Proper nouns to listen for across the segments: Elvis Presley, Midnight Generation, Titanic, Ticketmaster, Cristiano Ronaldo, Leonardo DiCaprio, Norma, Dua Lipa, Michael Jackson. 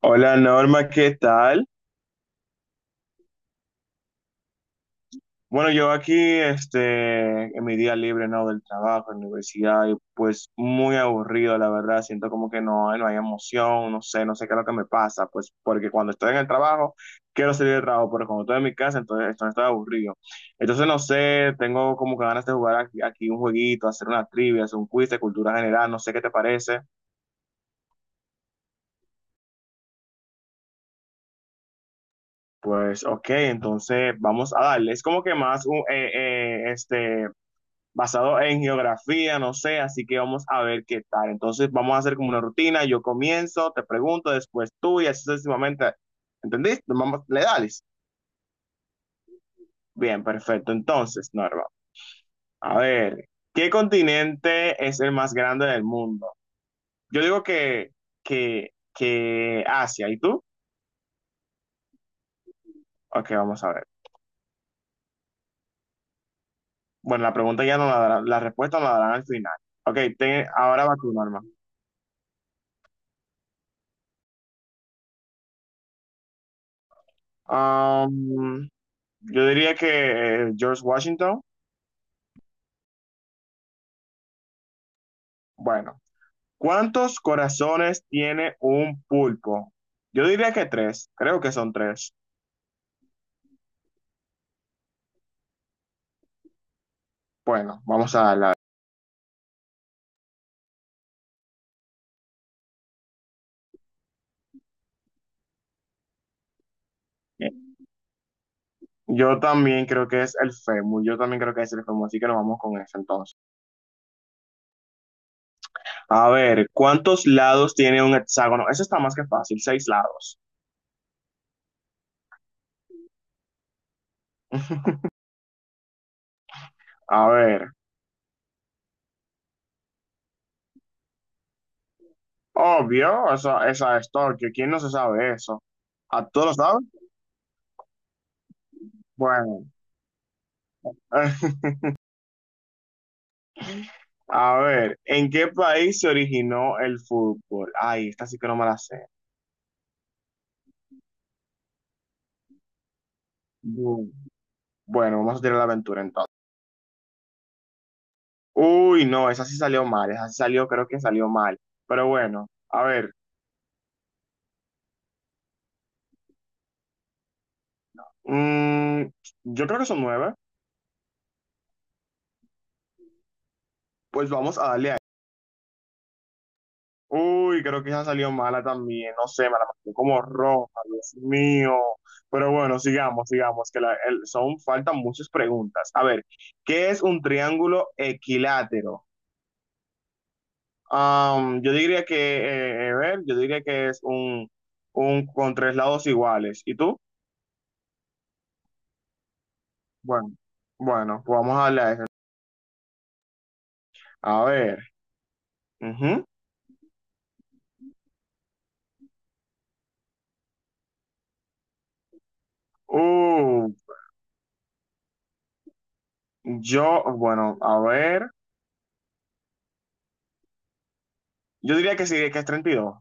Hola Norma, ¿qué tal? Bueno, yo aquí, en mi día libre, ¿no? Del trabajo, en la universidad, y pues muy aburrido, la verdad. Siento como que no, no hay emoción, no sé, no sé qué es lo que me pasa, pues porque cuando estoy en el trabajo, quiero salir del trabajo, pero cuando estoy en mi casa, entonces estoy aburrido. Entonces, no sé, tengo como que ganas de jugar aquí un jueguito, hacer una trivia, hacer un quiz de cultura general, no sé qué te parece. Pues, ok, entonces vamos a darle. Es como que más un, eh, este basado en geografía, no sé, así que vamos a ver qué tal. Entonces vamos a hacer como una rutina, yo comienzo, te pregunto, después tú y así sucesivamente. ¿Entendiste? Vamos, le dales. Bien, perfecto. Entonces, Norma, a ver, ¿qué continente es el más grande del mundo? Yo digo que, que Asia, ¿y tú? Ok, vamos a ver. Bueno, la pregunta ya no la darán, la respuesta no la darán al final. Ok, ahora va tú, Norma. Am, yo diría que George Washington. Bueno, ¿cuántos corazones tiene un pulpo? Yo diría que tres, creo que son tres. Bueno, vamos a la... Yo también creo que es el fémur, yo también creo que es el fémur, así que nos vamos con eso entonces. A ver, ¿cuántos lados tiene un hexágono? Eso está más que fácil, seis lados. A ver, obvio, esa es Tokio, ¿quién no se sabe eso? ¿A todos lo saben? Bueno, a ver, ¿en qué país se originó el fútbol? Ay, esta sí que no me la sé. Bu- Bueno, vamos a tirar la aventura entonces. Uy, no, esa sí salió mal, esa sí salió, creo que salió mal. Pero bueno, a ver, mm, yo creo que son nueve, pues vamos a darle a... Uy, creo que esa salió mala también, no sé, me la marcó como roja, Dios mío. Pero bueno, sigamos, sigamos, que son, faltan muchas preguntas. A ver, ¿qué es un triángulo equilátero? A ver, yo diría que es un con tres lados iguales. ¿Y tú? Bueno, bueno, pues vamos a hablar de eso. A ver. Ujú. Uh, yo, bueno, a ver. Yo diría que sí, que es 32.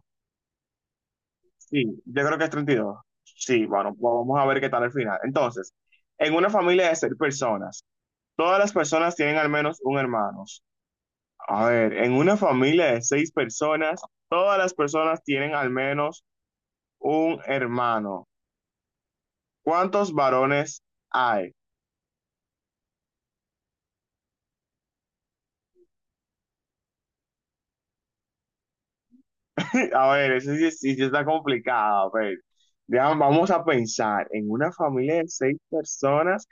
Sí, yo creo que es 32. Sí, bueno, pues vamos a ver qué tal al final. Entonces, en una familia de seis personas, todas las personas tienen al menos un hermano. A ver, en una familia de seis personas, todas las personas tienen al menos un hermano. ¿Cuántos varones hay? A ver, eso sí, sí está complicado. A ver, ya, vamos a pensar en una familia de seis personas,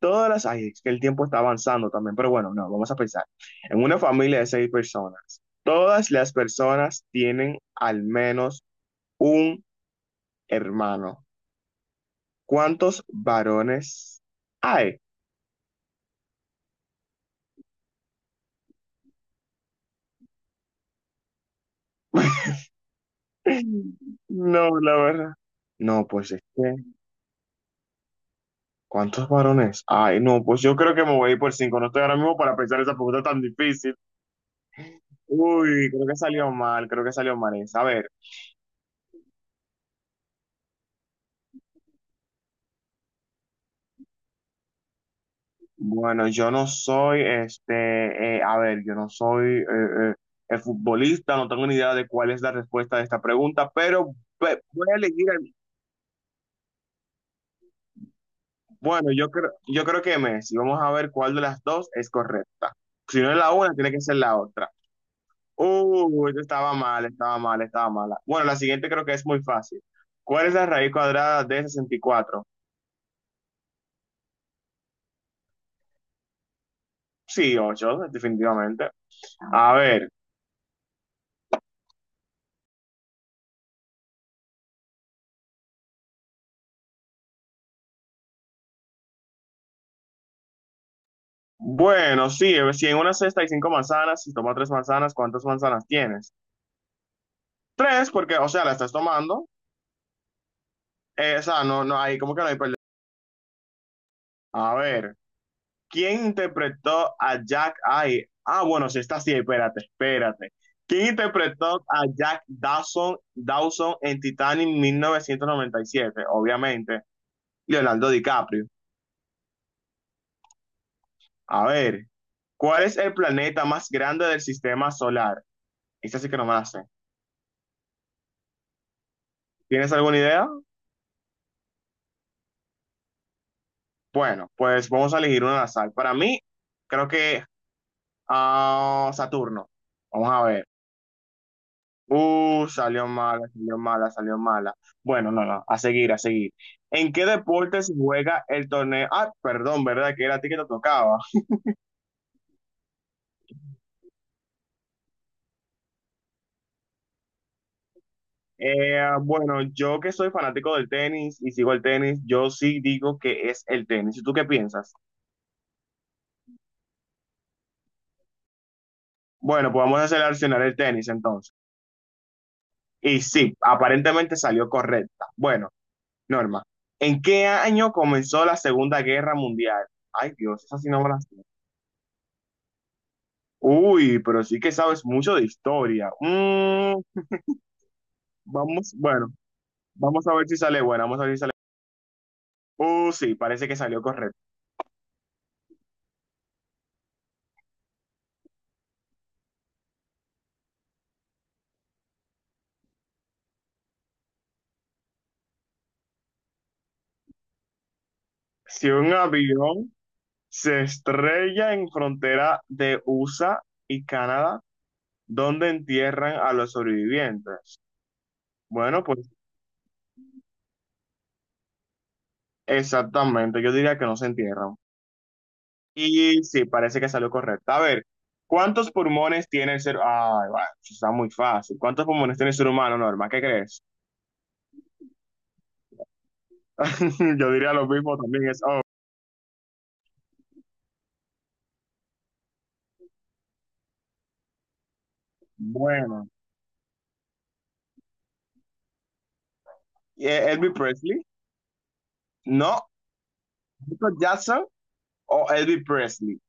todas las... Ay, es que el tiempo está avanzando también, pero bueno, no, vamos a pensar. En una familia de seis personas, todas las personas tienen al menos un hermano. ¿Cuántos varones hay? No, la verdad. No, pues es que, ¿cuántos varones? Ay, no, pues yo creo que me voy a ir por cinco. No estoy ahora mismo para pensar esa pregunta tan difícil. Uy, creo que salió mal, creo que salió mal esa. A ver, bueno, yo no soy, este, a ver, yo no soy eh, futbolista, no tengo ni idea de cuál es la respuesta de esta pregunta, pero voy a elegir, bueno, yo creo que Messi, vamos a ver cuál de las dos es correcta. Si no es la una, tiene que ser la otra. Uy, esto estaba mal, estaba mal, estaba mala. Bueno, la siguiente creo que es muy fácil. ¿Cuál es la raíz cuadrada de 64? Sí, 8 definitivamente. A ver. Bueno, sí, si en una cesta hay cinco manzanas, si tomas tres manzanas, ¿cuántas manzanas tienes? Tres, porque, o sea, la estás tomando. O sea, no, no, hay como que no hay perdón. A ver, ¿quién interpretó a Jack? Ay, ah, bueno, sí, está sí, espérate, espérate. ¿Quién interpretó a Jack Dawson, Dawson en Titanic 1997? Obviamente, Leonardo DiCaprio. A ver, ¿cuál es el planeta más grande del sistema solar? Esa sí que no me la sé. ¿Tienes alguna idea? Bueno, pues vamos a elegir una al azar. Para mí, creo que ah, Saturno. Vamos a ver. Salió mala, salió mala, salió mala. Bueno, no, no, a seguir, a seguir. ¿En qué deporte se juega el torneo? Ah, perdón, ¿verdad? Que era a ti que te tocaba. Bueno, yo que soy fanático del tenis y sigo el tenis, yo sí digo que es el tenis. ¿Y tú qué piensas? Bueno, pues vamos a seleccionar el tenis entonces. Y sí, aparentemente salió correcta. Bueno. Norma, ¿en qué año comenzó la Segunda Guerra Mundial? Ay, Dios, esa sí no me la sé. Uy, pero sí que sabes mucho de historia. Vamos, bueno, vamos a ver si sale buena, vamos a ver si sale. Sí, parece que salió correcto. Si un avión se estrella en frontera de USA y Canadá, ¿dónde entierran a los sobrevivientes? Bueno, pues exactamente, yo diría que no se entierran. Y sí, parece que salió correcto. A ver, ¿cuántos pulmones tiene el ser humano? Ay, va, eso está muy fácil. ¿Cuántos pulmones tiene el ser humano, Norma? ¿Qué crees? Yo diría lo mismo también. Es, oh, bueno. ¿Elvis Presley? No. ¿Michael Jackson o Elvis Presley?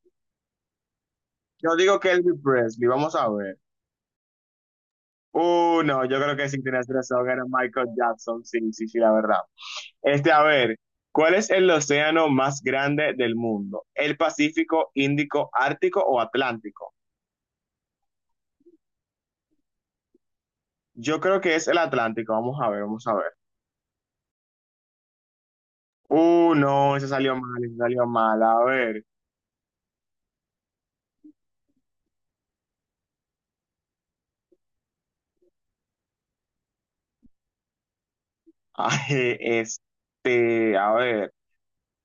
Yo digo que Elvis Presley. Vamos a ver. No, yo creo que sin tener razón era Michael Jackson. Sí, sí, sí, la verdad. A ver, ¿cuál es el océano más grande del mundo? ¿El Pacífico, Índico, Ártico o Atlántico? Yo creo que es el Atlántico. Vamos a ver, vamos a ver. No, ese salió mal, ese salió mal. A ver. Ay, a ver.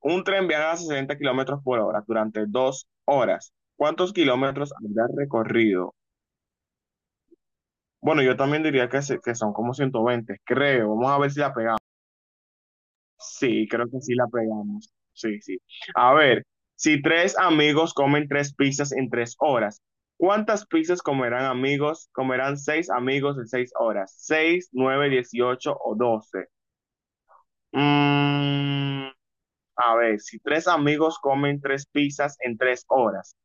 Un tren viaja a 60 kilómetros por hora durante 2 horas. ¿Cuántos kilómetros habrá recorrido? Bueno, yo también diría que, que son como 120, creo. Vamos a ver si la pegamos. Sí, creo que sí la pegamos. Sí, sí. A ver, si tres amigos comen tres pizzas en tres horas, ¿cuántas pizzas comerán amigos? Comerán seis amigos en seis horas. ¿Seis, nueve, 18 o 12? Mm, a ver, si tres amigos comen tres pizzas en tres horas,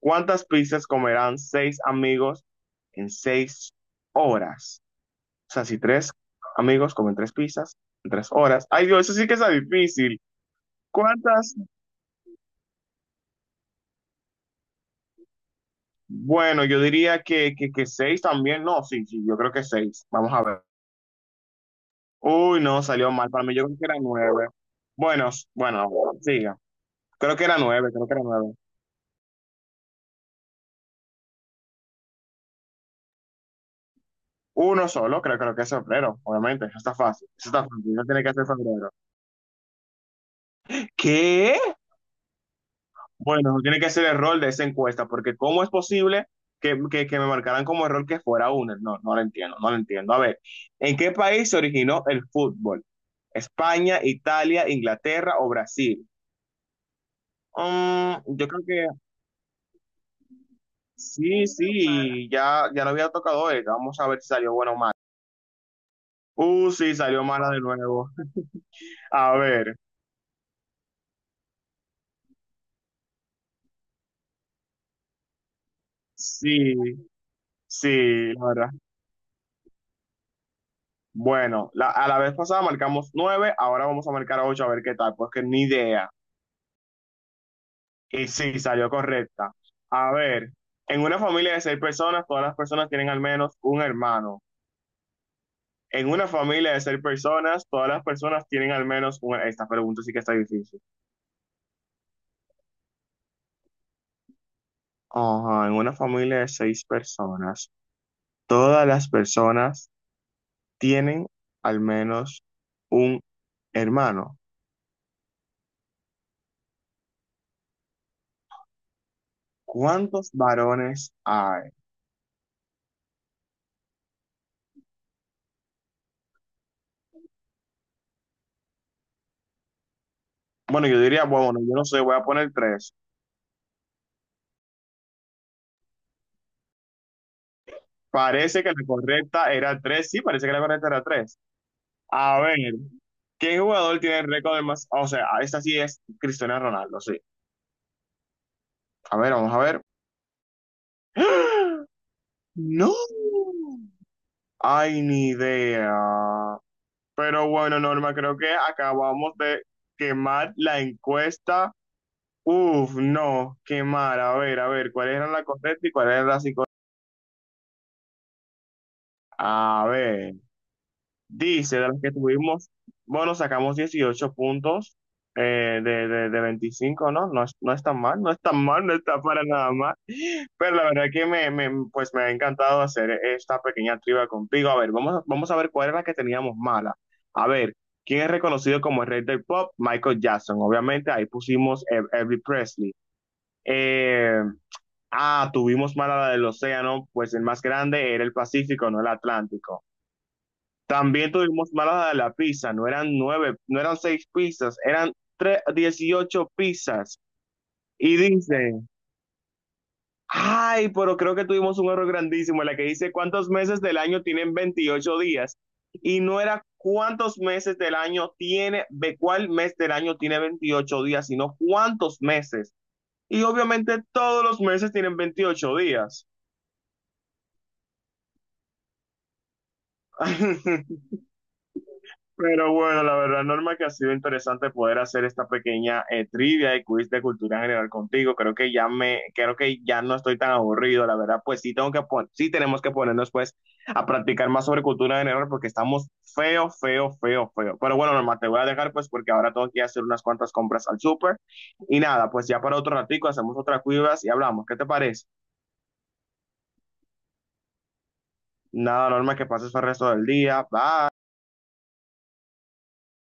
¿cuántas pizzas comerán seis amigos en seis horas? O sea, si tres amigos comen tres pizzas en tres horas. Ay, Dios, eso sí que está difícil. ¿Cuántas? Bueno, yo diría que, que seis también. No, sí, sí, yo creo que seis. Vamos a ver. Uy, no, salió mal. Para mí yo creo que era nueve. Bueno, bueno, siga. Creo que era nueve, creo que era nueve. Uno solo, creo, creo que es febrero, obviamente. Eso está fácil. Eso está fácil. No tiene que ser febrero. ¿Qué? Bueno, tiene que ser el rol de esa encuesta, porque ¿cómo es posible que, que me marcaran como error que fuera uno? No, no lo entiendo, no lo entiendo. A ver, ¿en qué país se originó el fútbol? ¿España, Italia, Inglaterra o Brasil? Yo creo que sí, sí, ya, ya no había tocado esta. Vamos a ver si salió buena o mala. Sí, salió mala de nuevo. A ver, sí, sí, la verdad. Bueno, a la vez pasada marcamos nueve, ahora vamos a marcar ocho a ver qué tal, porque ni idea. Y sí, salió correcta. A ver, en una familia de seis personas, todas las personas tienen al menos un hermano. En una familia de seis personas, todas las personas tienen al menos un... Esta pregunta sí que está difícil. Ajá, en una familia de seis personas, todas las personas tienen al menos un hermano. ¿Cuántos varones hay? Bueno, yo diría, bueno, bueno, yo no sé, voy a poner tres. Parece que la correcta era tres, sí, parece que la correcta era tres. A ver, ¿qué jugador tiene el récord de más? O sea, esta sí es Cristiano Ronaldo, sí. A ver, vamos a ver. ¡No! Ay, ni idea. Pero bueno, Norma, creo que acabamos de quemar la encuesta. Uf, no, quemar. A ver, ¿cuál era la correcta y cuál era la psicológica? A ver, dice, de las que tuvimos, bueno, sacamos 18 puntos de 25, ¿no? No es, no es tan mal, no es tan mal, no está para nada mal. Pero la verdad que me, pues me ha encantado hacer esta pequeña trivia contigo. A ver, vamos, vamos a ver cuál era la que teníamos mala. A ver, ¿quién es reconocido como el rey del pop? Michael Jackson. Obviamente, ahí pusimos Elvis Presley. Eh, tuvimos mala la del océano, pues el más grande era el Pacífico, no el Atlántico. También tuvimos mala la de la pizza, no eran nueve, no eran seis pizzas, eran tres, 18 pizzas. Y dice... Ay, pero creo que tuvimos un error grandísimo en la que dice cuántos meses del año tienen 28 días y no era cuántos meses del año tiene, de cuál mes del año tiene 28 días, sino cuántos meses. Y obviamente todos los meses tienen 28 días. Pero bueno, la verdad, Norma, que ha sido interesante poder hacer esta pequeña trivia y quiz de cultura general contigo. Creo que ya me, creo que ya no estoy tan aburrido, la verdad, pues sí tengo que sí tenemos que ponernos pues a practicar más sobre cultura general porque estamos feo, feo, feo, feo. Pero bueno, Norma, te voy a dejar pues porque ahora tengo que hacer unas cuantas compras al súper. Y nada, pues ya para otro ratico hacemos otra cuivas y hablamos. ¿Qué te parece? Nada, Norma, que pases el resto del día. Bye.